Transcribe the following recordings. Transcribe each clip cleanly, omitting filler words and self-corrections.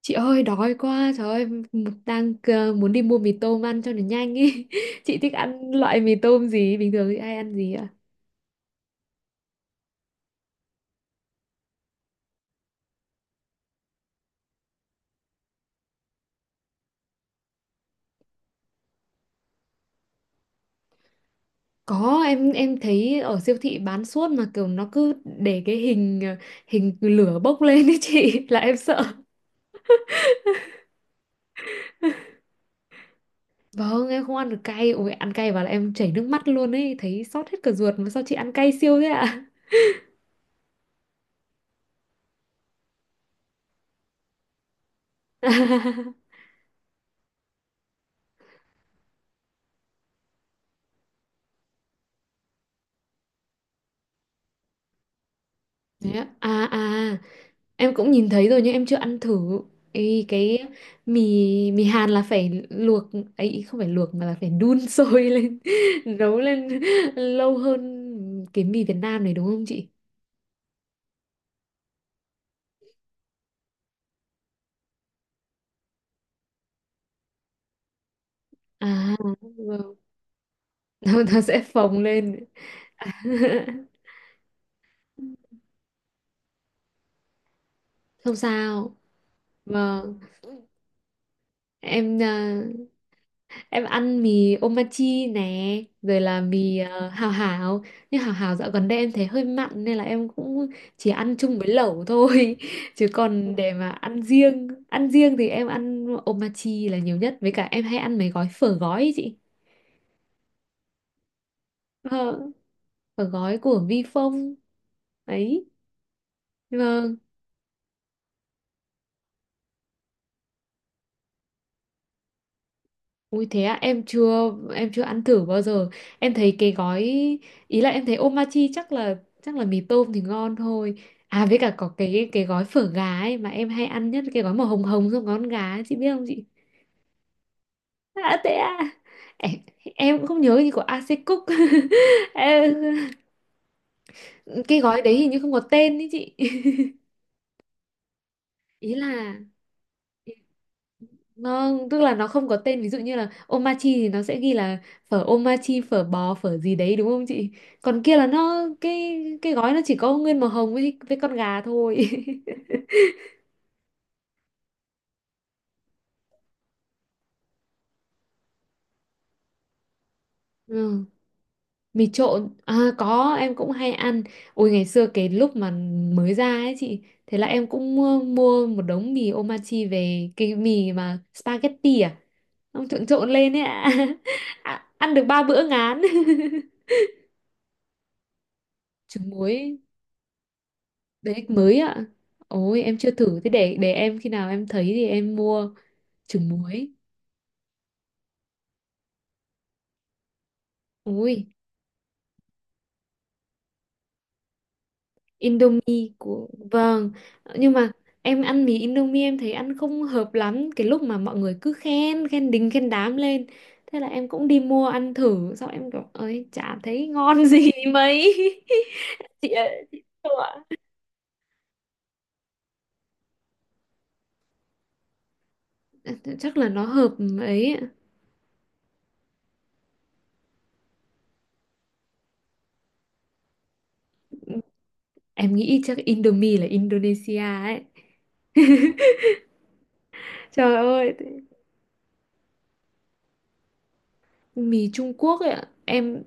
Chị ơi đói quá trời ơi đang muốn đi mua mì tôm ăn cho nó nhanh ý. Chị thích ăn loại mì tôm gì? Bình thường thì ai ăn gì ạ? Có, em thấy ở siêu thị bán suốt mà kiểu nó cứ để cái hình lửa bốc lên ấy chị, là em sợ. Vâng, em không ăn được cay, ôi ăn cay vào là em chảy nước mắt luôn ấy, thấy xót hết cả ruột, mà sao chị ăn cay siêu thế ạ? Thế ạ? À, à. Em cũng nhìn thấy rồi nhưng em chưa ăn thử. Ê, cái mì mì Hàn là phải luộc ấy, không phải luộc mà là phải đun sôi lên, nấu lên lâu hơn cái mì Việt Nam này, đúng không chị? À, vâng. Nó sẽ phồng lên. Không sao. Vâng. Em à, em ăn mì omachi nè, rồi là mì hào hào. Nhưng hào hào dạo gần đây em thấy hơi mặn nên là em cũng chỉ ăn chung với lẩu thôi. Chứ còn để mà ăn riêng thì em ăn omachi là nhiều nhất. Với cả em hay ăn mấy gói phở gói ấy chị. Ờ, phở gói của Vifong. Đấy. Ui thế à, em chưa ăn thử bao giờ. Em thấy cái gói, ý là em thấy omachi chắc là mì tôm thì ngon thôi. À với cả có cái gói phở gà ấy mà em hay ăn nhất, cái gói màu hồng hồng xong ngón gà ấy, chị biết không chị? À thế à. Em, em cũng không nhớ gì của AC Cook. Em- cái gói đấy hình như không có tên ý chị. Ý là nó, tức là nó không có tên, ví dụ như là omachi thì nó sẽ ghi là phở omachi, phở bò, phở gì đấy đúng không chị, còn kia là nó, cái gói nó chỉ có nguyên màu hồng với con gà thôi. Ừ. Mì trộn à? Có, em cũng hay ăn. Ôi ngày xưa cái lúc mà mới ra ấy chị, thế là em cũng mua một đống mì omachi về, cái mì mà spaghetti à, ông trộn trộn lên ấy ạ. À, ăn được ba bữa ngán. Trứng muối đấy mới ạ. Ôi em chưa thử, thế để em khi nào em thấy thì em mua trứng muối. Ôi Indomie của, vâng. Nhưng mà em ăn mì Indomie em thấy ăn không hợp lắm, cái lúc mà mọi người cứ khen khen đình khen đám lên, thế là em cũng đi mua ăn thử, sau em kiểu ơi chả thấy ngon gì mấy. Chị ạ, chị không ạ. Chắc là nó hợp ấy, em nghĩ chắc Indomie là Indonesia ấy. Trời ơi, mì Trung Quốc ấy ạ, em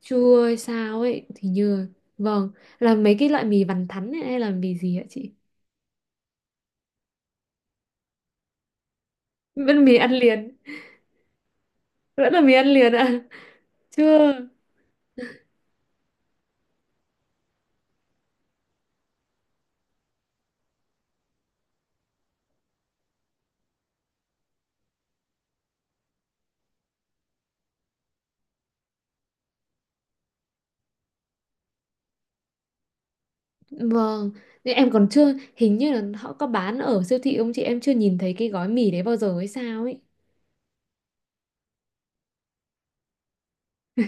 chưa hay sao ấy, thì như, vâng, là mấy cái loại mì vằn thắn ấy, hay là mì gì ạ chị? Vẫn mì ăn liền, vẫn là mì ăn liền ạ. Chưa. Vâng, nhưng em còn chưa, hình như là họ có bán ở siêu thị không chị, em chưa nhìn thấy cái gói mì đấy bao giờ hay sao ấy.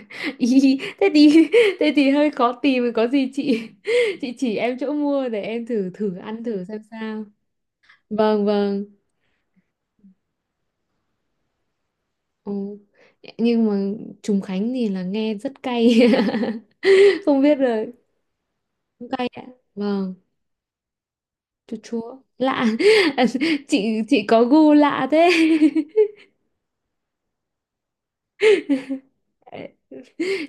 Ý, thế thì thế thì hơi khó tìm, có gì chị chị chỉ em chỗ mua để em thử thử ăn thử xem sao. Vâng, vâng. Ồ, nhưng mà Trùng Khánh thì là nghe rất cay, không biết rồi. Cũng cay ạ. Vâng, chua chua lạ. Chị có gu lạ thế.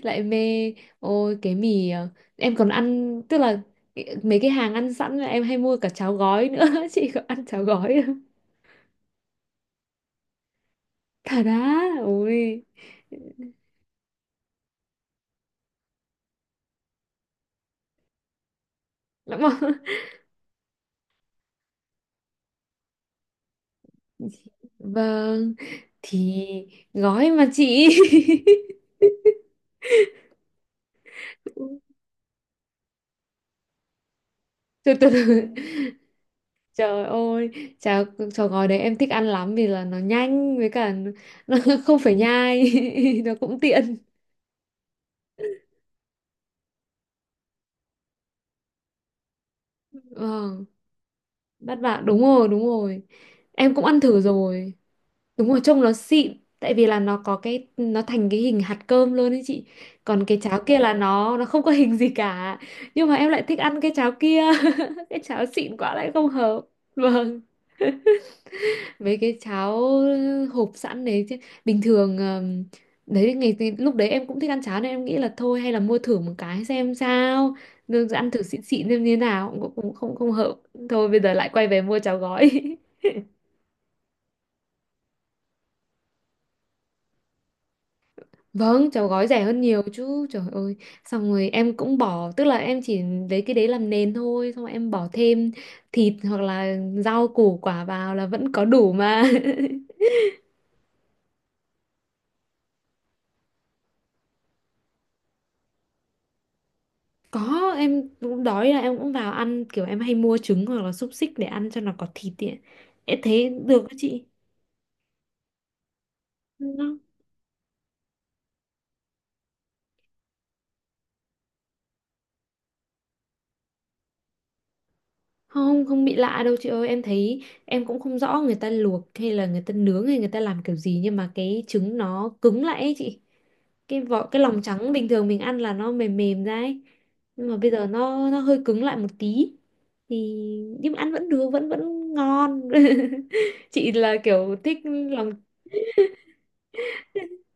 Lại mê. Ôi cái mì, em còn ăn, tức là mấy cái hàng ăn sẵn là em hay mua cả cháo gói nữa, chị có ăn cháo gói không? Thà đá ôi. Lắm không? Vâng, thì gói mà chị. Từ từ từ. Trời ơi, chả, chả gói đấy em thích ăn lắm vì là nó nhanh, với cả nó không phải nhai, nó cũng tiện. Vâng, bát bạc đúng rồi, đúng rồi. Em cũng ăn thử rồi. Đúng rồi, trông nó xịn tại vì là nó có cái, nó thành cái hình hạt cơm luôn ấy chị. Còn cái cháo kia là nó không có hình gì cả. Nhưng mà em lại thích ăn cái cháo kia. Cái cháo xịn quá lại không hợp. Vâng. Với cái cháo hộp sẵn đấy chứ, bình thường đấy ngày ngày- lúc đấy em cũng thích ăn cháo nên em nghĩ là thôi hay là mua thử một cái xem sao, rồi ăn thử xịn xịn xem như thế nào, cũng cũng không không hợp, thôi bây giờ lại quay về mua cháo gói. Vâng, cháo gói rẻ hơn nhiều chứ trời ơi. Xong rồi em cũng bỏ, tức là em chỉ lấy cái đấy làm nền thôi, xong rồi em bỏ thêm thịt hoặc là rau củ quả vào là vẫn có đủ mà. Có, em cũng đói là em cũng vào ăn, kiểu em hay mua trứng hoặc là xúc xích để ăn cho nó có thịt ấy. Em thấy được đó chị. Nó không, không bị lạ đâu chị ơi, em thấy em cũng không rõ người ta luộc hay là người ta nướng hay người ta làm kiểu gì, nhưng mà cái trứng nó cứng lại ấy chị. Cái vỏ, cái lòng trắng bình thường mình ăn là nó mềm mềm ra ấy. Nhưng mà bây giờ nó hơi cứng lại một tí. Thì nhưng mà ăn vẫn được, vẫn vẫn ngon. Chị là kiểu thích lòng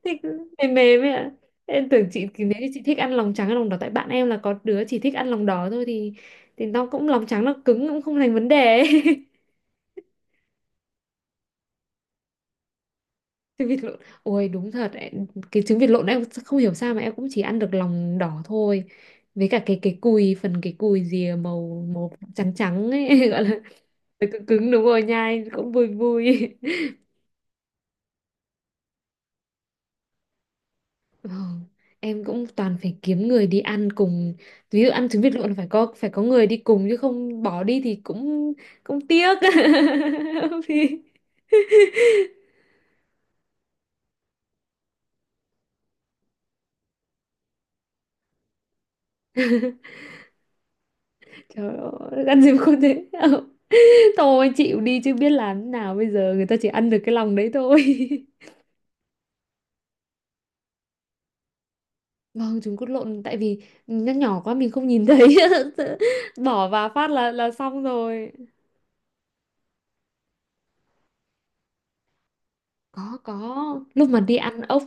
thích mềm mềm ấy ạ. Em tưởng chị, nếu như chị thích ăn lòng trắng hay lòng đỏ, tại bạn em là có đứa chỉ thích ăn lòng đỏ thôi, thì nó cũng lòng trắng nó cứng cũng không thành vấn đề ấy. Trứng vịt lộn, ôi đúng thật ấy. Cái trứng vịt lộn em không hiểu sao mà em cũng chỉ ăn được lòng đỏ thôi, với cả cái cùi, phần cái cùi rìa màu màu trắng trắng ấy, gọi là cứng cứng đúng rồi, nhai cũng vui vui. Ờ, em cũng toàn phải kiếm người đi ăn cùng, ví dụ ăn trứng vịt lộn là phải có người đi cùng, chứ không bỏ đi thì cũng cũng tiếc. Vì- trời ơi ăn gì mà không thế. Ờ, thôi chịu đi chứ biết làm thế nào bây giờ, người ta chỉ ăn được cái lòng đấy thôi. Vâng, trứng cút lộn tại vì nó nhỏ quá mình không nhìn thấy, bỏ vào phát là xong rồi. Có lúc mà đi ăn ốc,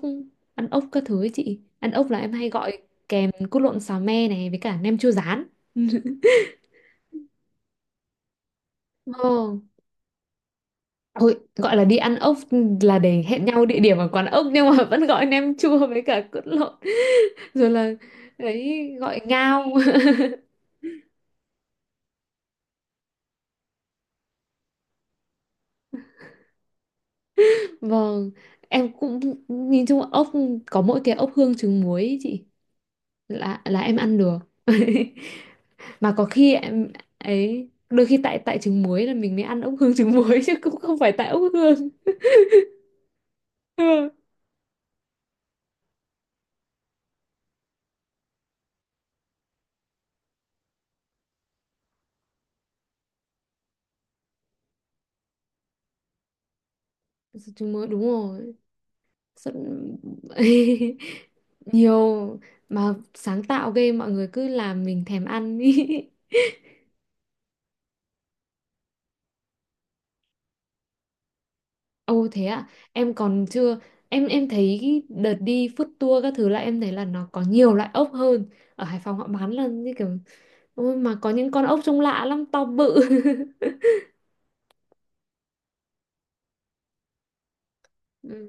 ăn ốc các thứ ấy chị, ăn ốc là em hay gọi kèm cút lộn xào me này, với cả nem chua rán. Ồ, ôi, gọi là đi ăn ốc là để hẹn nhau địa điểm ở quán ốc, nhưng mà vẫn gọi nem chua với cả cút lộn, rồi là đấy, gọi ngao. Vâng, em cũng nhìn chung ốc có mỗi cái ốc hương trứng muối ấy chị là em ăn được. Mà có khi em ấy, đôi khi tại tại trứng muối là mình mới ăn ốc hương trứng muối chứ cũng không phải tại ốc hương. Trứng muối đúng rồi, rất nhiều mà sáng tạo ghê, mọi người cứ làm mình thèm ăn ý. Ô thế ạ, em còn chưa, em thấy cái đợt đi food tour các thứ là em thấy là nó có nhiều loại ốc hơn ở Hải Phòng, họ bán là như kiểu, ôi mà có những con ốc trông lạ lắm, to bự. Ừ.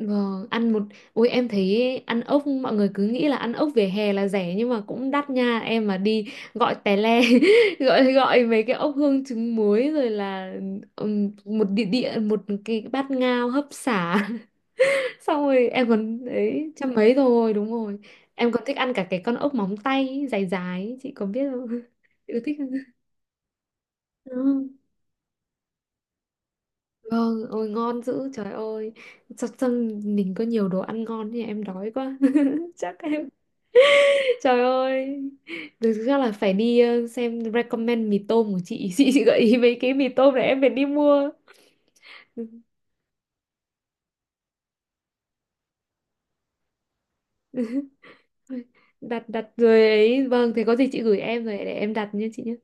Vâng, ăn một, ôi em thấy ăn ốc mọi người cứ nghĩ là ăn ốc vỉa hè là rẻ nhưng mà cũng đắt nha, em mà đi gọi tè le, gọi gọi mấy cái ốc hương trứng muối, rồi là một địa địa một cái bát ngao hấp xả, xong rồi em còn đấy trăm mấy rồi, đúng rồi. Em còn thích ăn cả cái con ốc móng tay ý, dài dài ý, chị có biết không? Chị có thích không? Ừ. Vâng, ôi ngon dữ trời ơi. Sao mình có nhiều đồ ăn ngon thì em đói quá, chắc em. Trời ơi, thực ra là phải đi xem recommend mì tôm của chị. Chị gợi ý mấy cái mì tôm để em phải đi mua. Đặt đặt rồi ấy. Vâng, thế có gì chị gửi em rồi để em đặt nha chị nhé.